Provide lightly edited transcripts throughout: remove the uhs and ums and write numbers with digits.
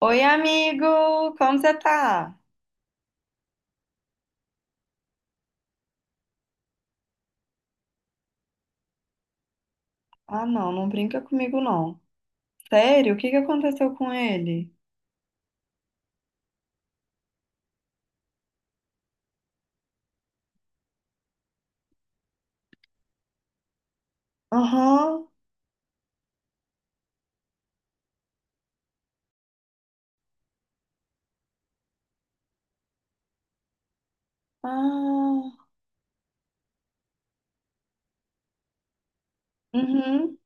Oi, amigo! Como você tá? Ah, não, não brinca comigo, não. Sério? O que que aconteceu com ele? Aham. Ah. Uhum.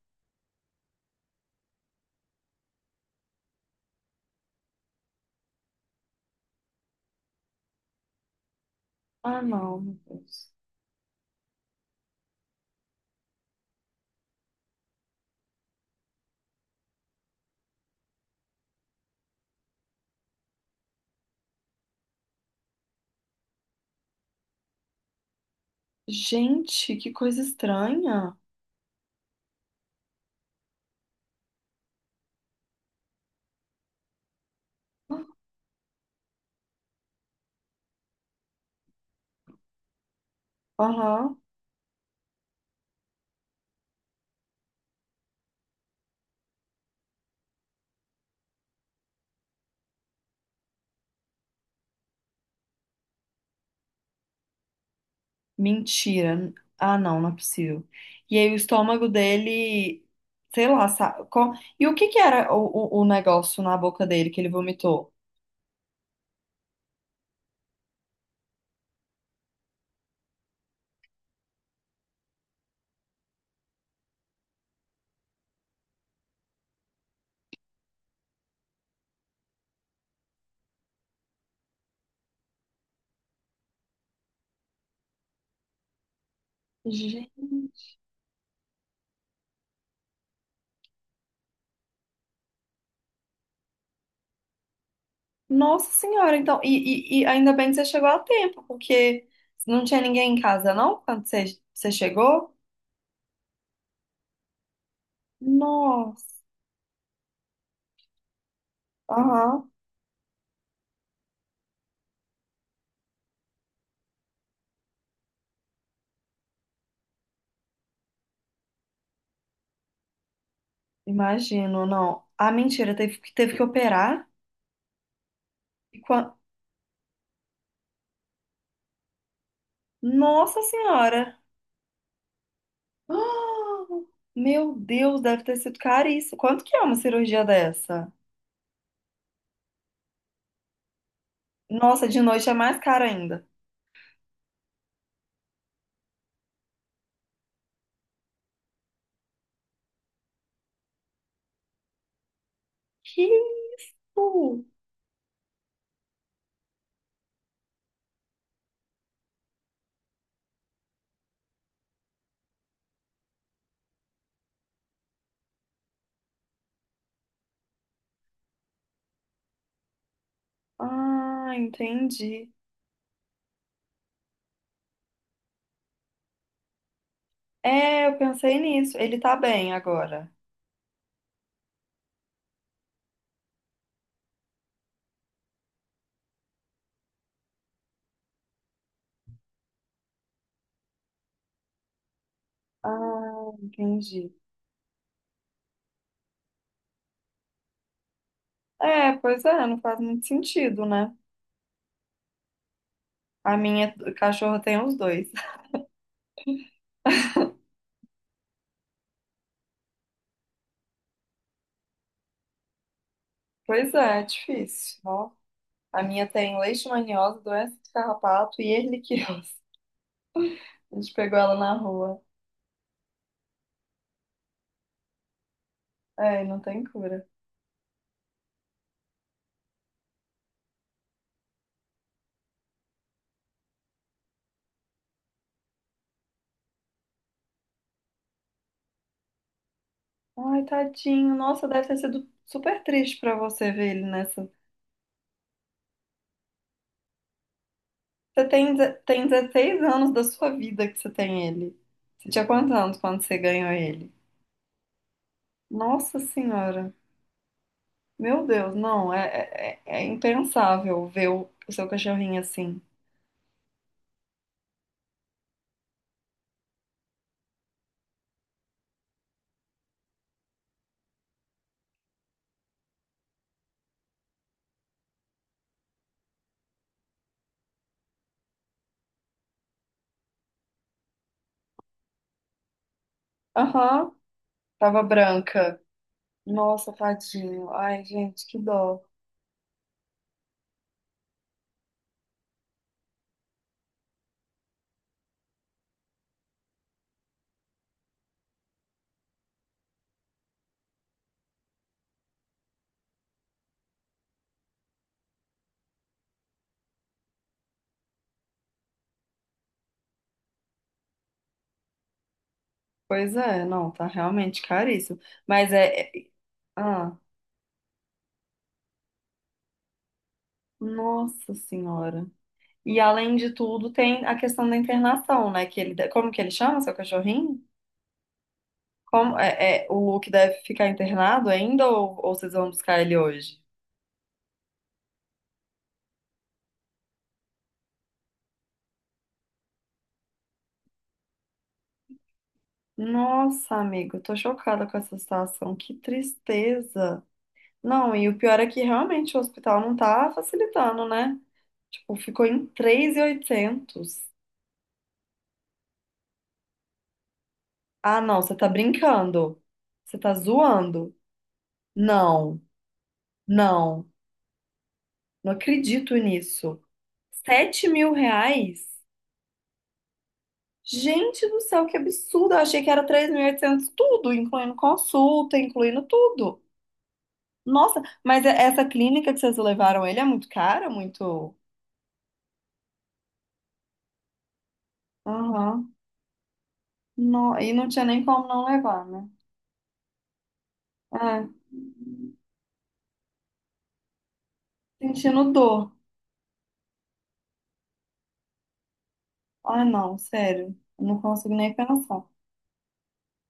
Ah, não, meu Deus. Gente, que coisa estranha. Aham. Mentira. Ah, não, não é possível. E aí o estômago dele, sei lá, e o que que era o negócio na boca dele que ele vomitou? Gente. Nossa Senhora, então, e ainda bem que você chegou a tempo, porque não tinha ninguém em casa, não? Quando você chegou? Nossa, aham, imagino, não. Ah, mentira, teve que operar? E quan- Nossa Senhora! Ah, meu Deus, deve ter sido caríssimo. Quanto que é uma cirurgia dessa? Nossa, de noite é mais caro ainda. Que isso? Ah, entendi. É, eu pensei nisso. Ele tá bem agora. Ah, entendi. É, pois é, não faz muito sentido, né? A minha cachorra tem os dois. Pois é, é difícil. Ó, a minha tem leishmaniose, doença de carrapato e erliquiose. A gente pegou ela na rua. É, e não tem cura. Ai, tadinho. Nossa, deve ter sido super triste pra você ver ele nessa. Você tem 16 anos da sua vida que você tem ele. Você tinha quantos anos quando você ganhou ele? Nossa Senhora. Meu Deus, não, é impensável ver o seu cachorrinho assim. Aham, tava branca. Nossa, tadinho. Ai, gente, que dó. Pois é, não, tá realmente caríssimo. Mas. Ah, nossa senhora. E além de tudo, tem a questão da internação, né? Como que ele chama seu cachorrinho? Como, o Luke deve ficar internado ainda ou vocês vão buscar ele hoje? Nossa, amigo, eu tô chocada com essa situação. Que tristeza. Não, e o pior é que realmente o hospital não tá facilitando, né? Tipo, ficou em 3.800. Ah, não, você tá brincando. Você tá zoando. Não, não, não acredito nisso. 7.000 reais? Gente do céu, que absurdo. Eu achei que era 3.800 tudo, incluindo consulta, incluindo tudo. Nossa, essa clínica que vocês levaram ele é muito cara, muito... Aham. Não, e não tinha nem como não levar, né? É, sentindo dor. Ah, não, sério. Eu não consigo nem pensar.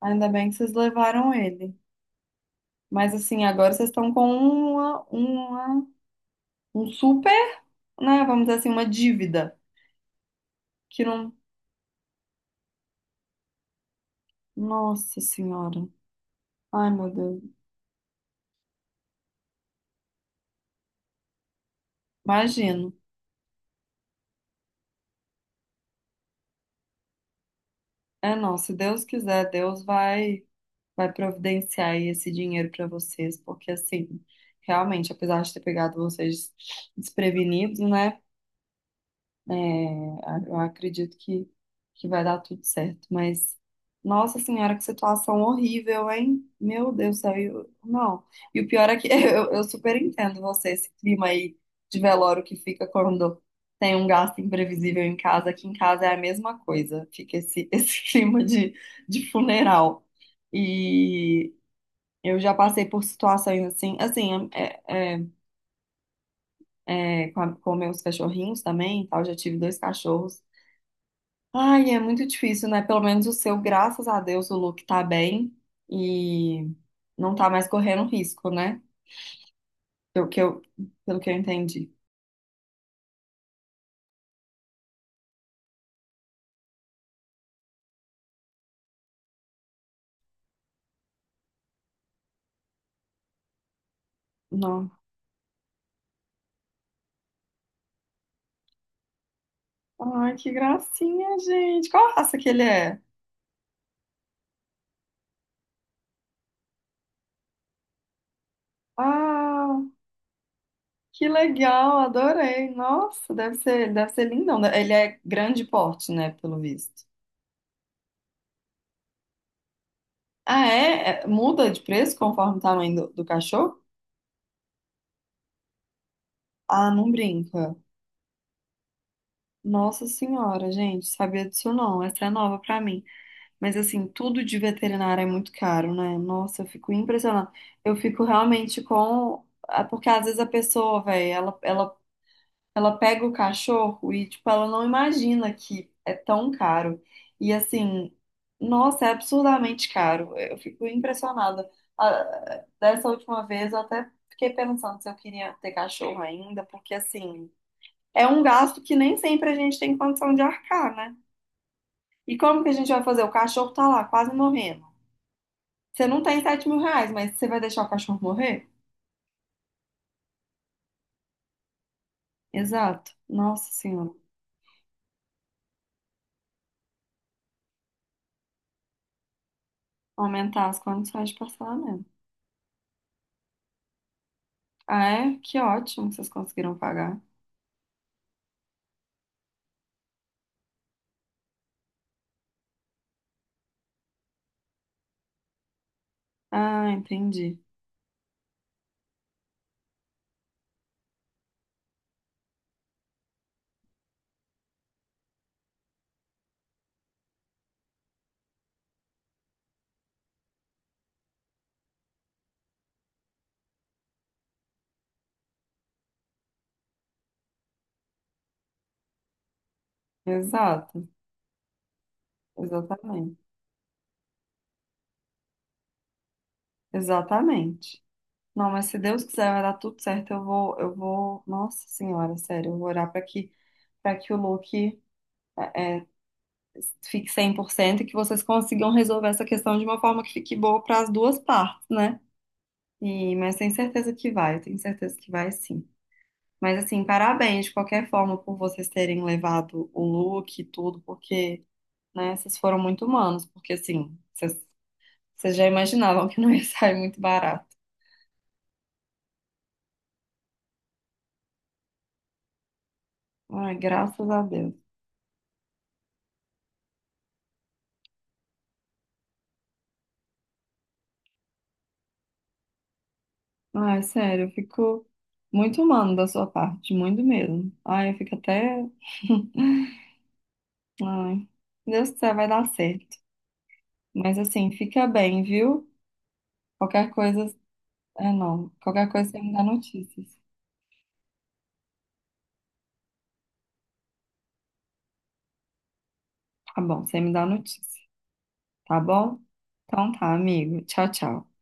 Ainda bem que vocês levaram ele. Mas assim, agora vocês estão com um super, né? Vamos dizer assim, uma dívida. Que não. Nossa Senhora. Ai, meu Deus. Imagino. É, não. Se Deus quiser, Deus vai providenciar aí esse dinheiro para vocês. Porque assim, realmente, apesar de ter pegado vocês desprevenidos, né? É, eu acredito que vai dar tudo certo, mas nossa senhora, que situação horrível, hein? Meu Deus do céu, não. E o pior é que eu super entendo você, esse clima aí de velório que fica quando tem um gasto imprevisível em casa, aqui em casa é a mesma coisa, fica esse, esse clima de funeral. E eu já passei por situações assim, assim, é, com, com meus cachorrinhos também, e tal, já tive dois cachorros. Ai, é muito difícil, né? Pelo menos o seu, graças a Deus, o Luke tá bem e não tá mais correndo risco, né? Pelo que eu, pelo que eu entendi. Não. Ai, que gracinha, gente. Qual raça que ele é? Ah, que legal, adorei. Nossa, deve ser lindão. Né? Ele é grande porte, né? Pelo visto. Ah, é? Muda de preço conforme o tamanho do, do cachorro? Ah, não brinca. Nossa senhora, gente, sabia disso não. Essa é nova pra mim. Mas assim, tudo de veterinário é muito caro, né? Nossa, eu fico impressionada. Eu fico realmente porque às vezes a pessoa, velho, ela pega o cachorro e, tipo, ela não imagina que é tão caro. E assim, nossa, é absurdamente caro. Eu fico impressionada. Ah, dessa última vez eu até fiquei pensando se eu queria ter cachorro ainda, porque assim, é um gasto que nem sempre a gente tem condição de arcar, né? E como que a gente vai fazer? O cachorro tá lá, quase morrendo. Você não tem 7.000 reais, mas você vai deixar o cachorro morrer? Exato. Nossa Senhora. Aumentar as condições de parcelamento. Ah, é? Que ótimo que vocês conseguiram pagar. Ah, entendi. Exato. Exatamente. Exatamente. Não, mas se Deus quiser vai dar tudo certo, eu vou, nossa senhora, sério, eu vou orar para que o Luke eh, fique 100% e que vocês consigam resolver essa questão de uma forma que fique boa para as duas partes, né? Mas tenho certeza que vai sim. Mas assim, parabéns de qualquer forma por vocês terem levado o look e tudo, porque, né, vocês foram muito humanos, porque assim, vocês já imaginavam que não ia sair muito barato. Ai, graças a Deus. Ai, sério, eu fico muito humano da sua parte, muito mesmo. Ai, eu fico até. Ai, Deus quiser, vai dar certo. Mas assim, fica bem, viu? Qualquer coisa. É, não. Qualquer coisa você me dá notícias. Tá bom, você me dá notícia, tá bom? Então tá, amigo. Tchau, tchau.